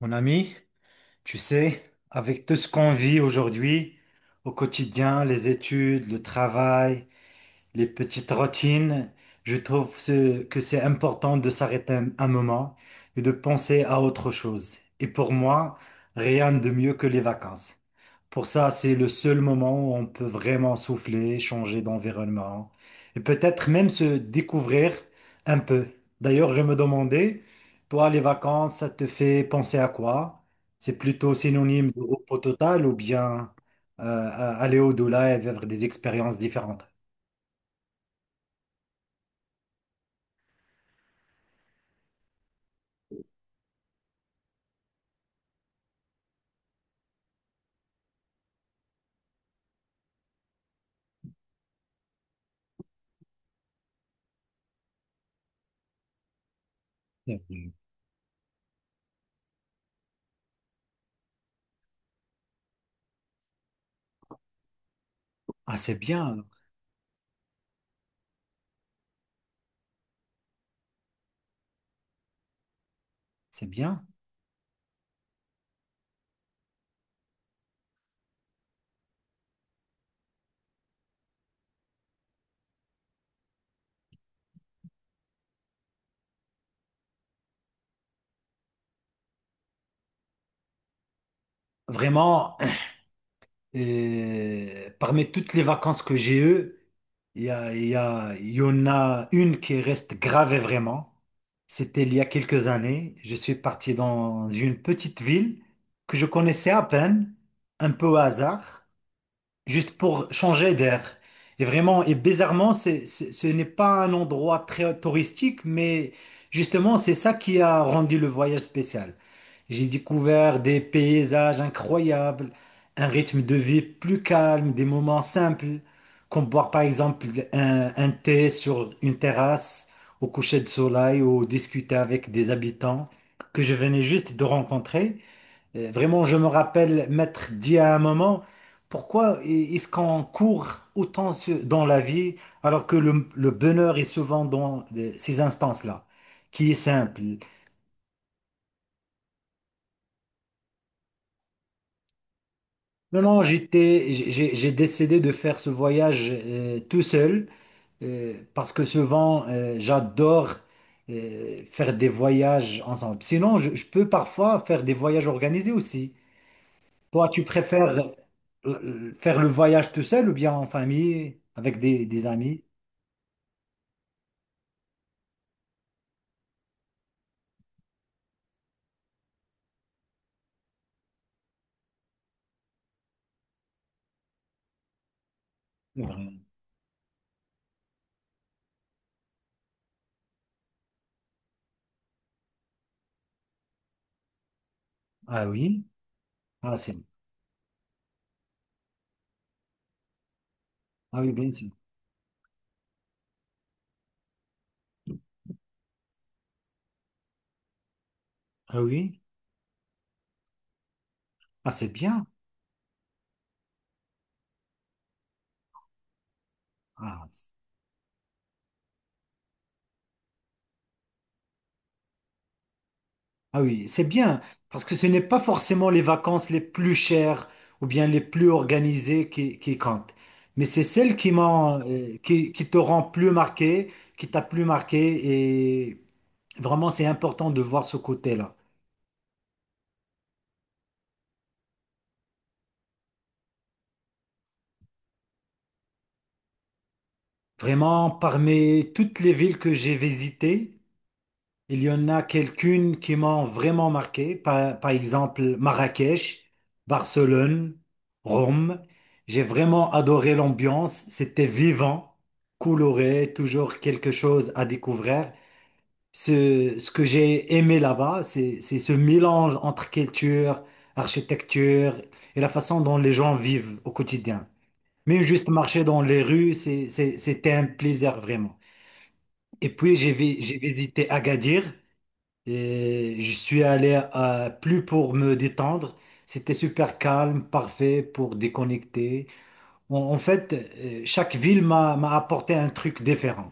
Mon ami, tu sais, avec tout ce qu'on vit aujourd'hui, au quotidien, les études, le travail, les petites routines, que c'est important de s'arrêter un moment et de penser à autre chose. Et pour moi, rien de mieux que les vacances. Pour ça, c'est le seul moment où on peut vraiment souffler, changer d'environnement et peut-être même se découvrir un peu. D'ailleurs, je me demandais, toi, les vacances, ça te fait penser à quoi? C'est plutôt synonyme de repos total ou bien aller au-delà et vivre des expériences différentes? Mhm. Ah, c'est bien, alors. C'est bien. Vraiment. Et parmi toutes les vacances que j'ai eues, il y en a une qui reste gravée vraiment. C'était il y a quelques années. Je suis parti dans une petite ville que je connaissais à peine, un peu au hasard, juste pour changer d'air. Et vraiment, et bizarrement, ce n'est pas un endroit très touristique, mais justement, c'est ça qui a rendu le voyage spécial. J'ai découvert des paysages incroyables, un rythme de vie plus calme, des moments simples, comme boire par exemple un thé sur une terrasse au coucher de soleil ou discuter avec des habitants que je venais juste de rencontrer. Vraiment, je me rappelle m'être dit à un moment, pourquoi est-ce qu'on court autant dans la vie alors que le bonheur est souvent dans ces instances-là, qui est simple. Non, non, décidé de faire ce voyage tout seul parce que souvent, j'adore faire des voyages ensemble. Sinon, je peux parfois faire des voyages organisés aussi. Toi, tu préfères faire le voyage tout seul ou bien en famille, avec des amis? C'est vrai. Ah oui? Ah, c'est... Ah oui, bien sûr. Ah oui? Ah, c'est bien. Ah. Ah oui, c'est bien, parce que ce n'est pas forcément les vacances les plus chères ou bien les plus organisées qui comptent, mais c'est celles qui m'ont, qui te rend plus marqué, qui t'a plus marqué, et vraiment c'est important de voir ce côté-là. Vraiment, parmi toutes les villes que j'ai visitées, il y en a quelques-unes qui m'ont vraiment marqué, par exemple Marrakech, Barcelone, Rome. J'ai vraiment adoré l'ambiance, c'était vivant, coloré, toujours quelque chose à découvrir. Ce que j'ai aimé là-bas, c'est ce mélange entre culture, architecture et la façon dont les gens vivent au quotidien. Même juste marcher dans les rues, c'était un plaisir vraiment. Et puis j'ai visité Agadir. Et je suis allé plus pour me détendre. C'était super calme, parfait pour déconnecter. En fait, chaque ville m'a apporté un truc différent.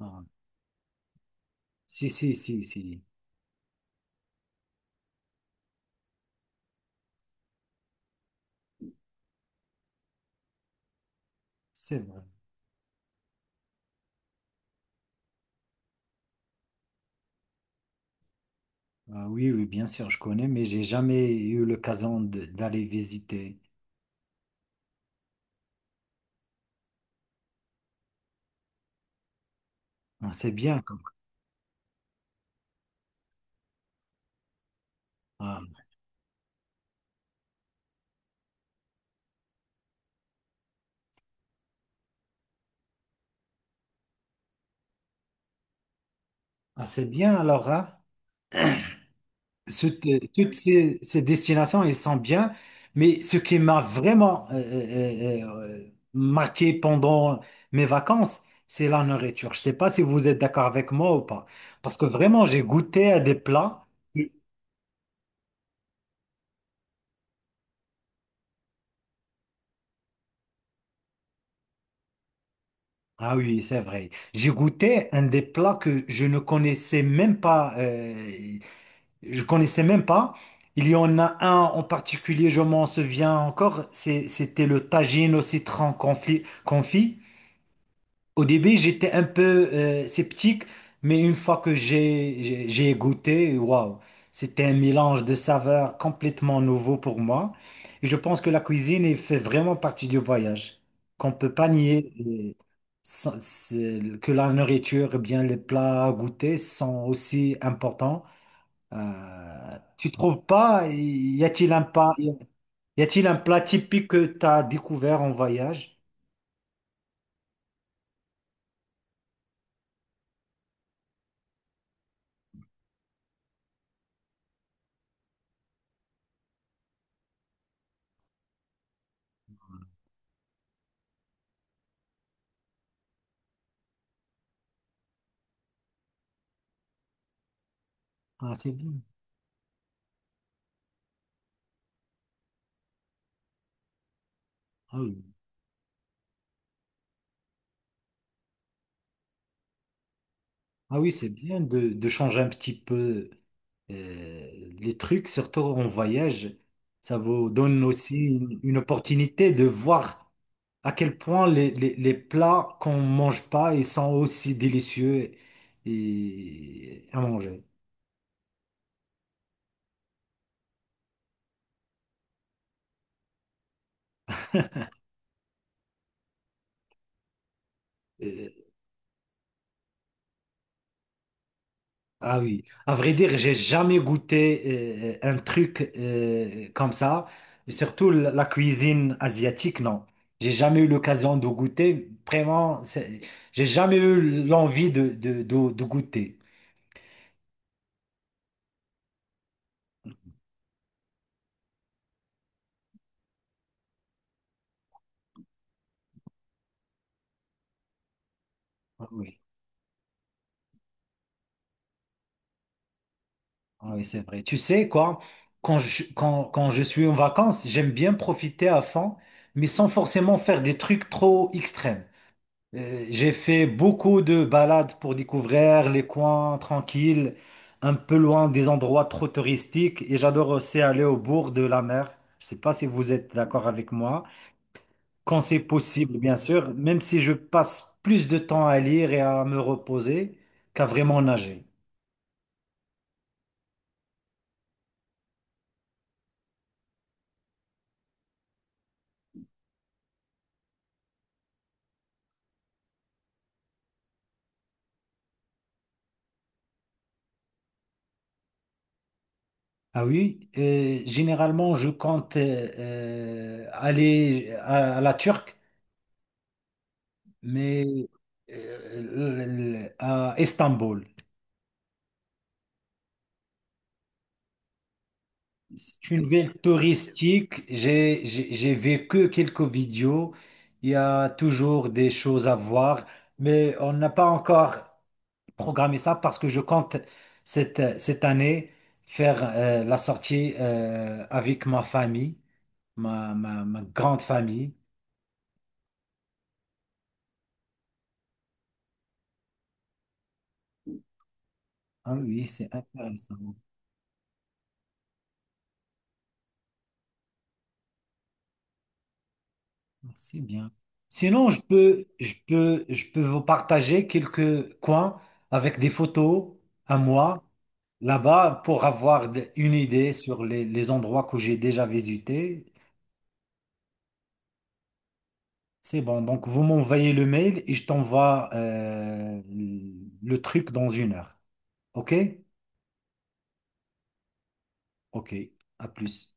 Ah, si, si, si, si, c'est vrai. Ah oui, oui, bien sûr, je connais, mais j'ai jamais eu l'occasion d'aller visiter. Ah, c'est bien. Comme... Ah. Ah, c'est bien alors, hein? Toutes, toutes ces destinations, elles sont bien, mais ce qui m'a vraiment marqué pendant mes vacances, c'est la nourriture. Je ne sais pas si vous êtes d'accord avec moi ou pas, parce que vraiment, j'ai goûté à des plats. Ah oui, c'est vrai. J'ai goûté un des plats que je ne connaissais même pas. Je connaissais même pas. Il y en a un en particulier, je m'en souviens encore. C'était le tagine au citron confit. Confit. Au début, j'étais un peu sceptique, mais une fois que j'ai goûté, waouh, c'était un mélange de saveurs complètement nouveau pour moi. Et je pense que la cuisine elle fait vraiment partie du voyage, qu'on peut pas nier que la nourriture, eh bien les plats à goûter sont aussi importants. Tu trouves pas, y a-t-il un plat typique que tu as découvert en voyage? Ah, c'est bien. Ah oui. Ah oui, c'est bien de changer un petit peu les trucs, surtout en voyage. Ça vous donne aussi une opportunité de voir à quel point les plats qu'on mange pas, ils sont aussi délicieux et, à manger. Euh, Ah oui, à vrai dire, j'ai jamais goûté un truc comme ça, et surtout la cuisine asiatique, non. J'ai jamais eu l'occasion de goûter, vraiment, j'ai jamais eu l'envie de goûter. Ah oui, ah oui, c'est vrai. Tu sais quoi, quand je suis en vacances, j'aime bien profiter à fond, mais sans forcément faire des trucs trop extrêmes. J'ai fait beaucoup de balades pour découvrir les coins tranquilles, un peu loin des endroits trop touristiques, et j'adore aussi aller au bord de la mer. Je sais pas si vous êtes d'accord avec moi. Quand c'est possible, bien sûr, même si je passe plus de temps à lire et à me reposer qu'à vraiment nager. Ah oui, généralement, je compte aller à la Turque, mais à Istanbul. C'est une ville touristique. J'ai vécu quelques vidéos. Il y a toujours des choses à voir, mais on n'a pas encore programmé ça parce que je compte cette année faire la sortie avec ma famille, ma grande famille. Ah oui, c'est intéressant. C'est bien. Sinon, je peux vous partager quelques coins avec des photos à moi là-bas pour avoir une idée sur les endroits que j'ai déjà visités. C'est bon. Donc, vous m'envoyez le mail et je t'envoie le truc dans une heure. OK? OK. À plus.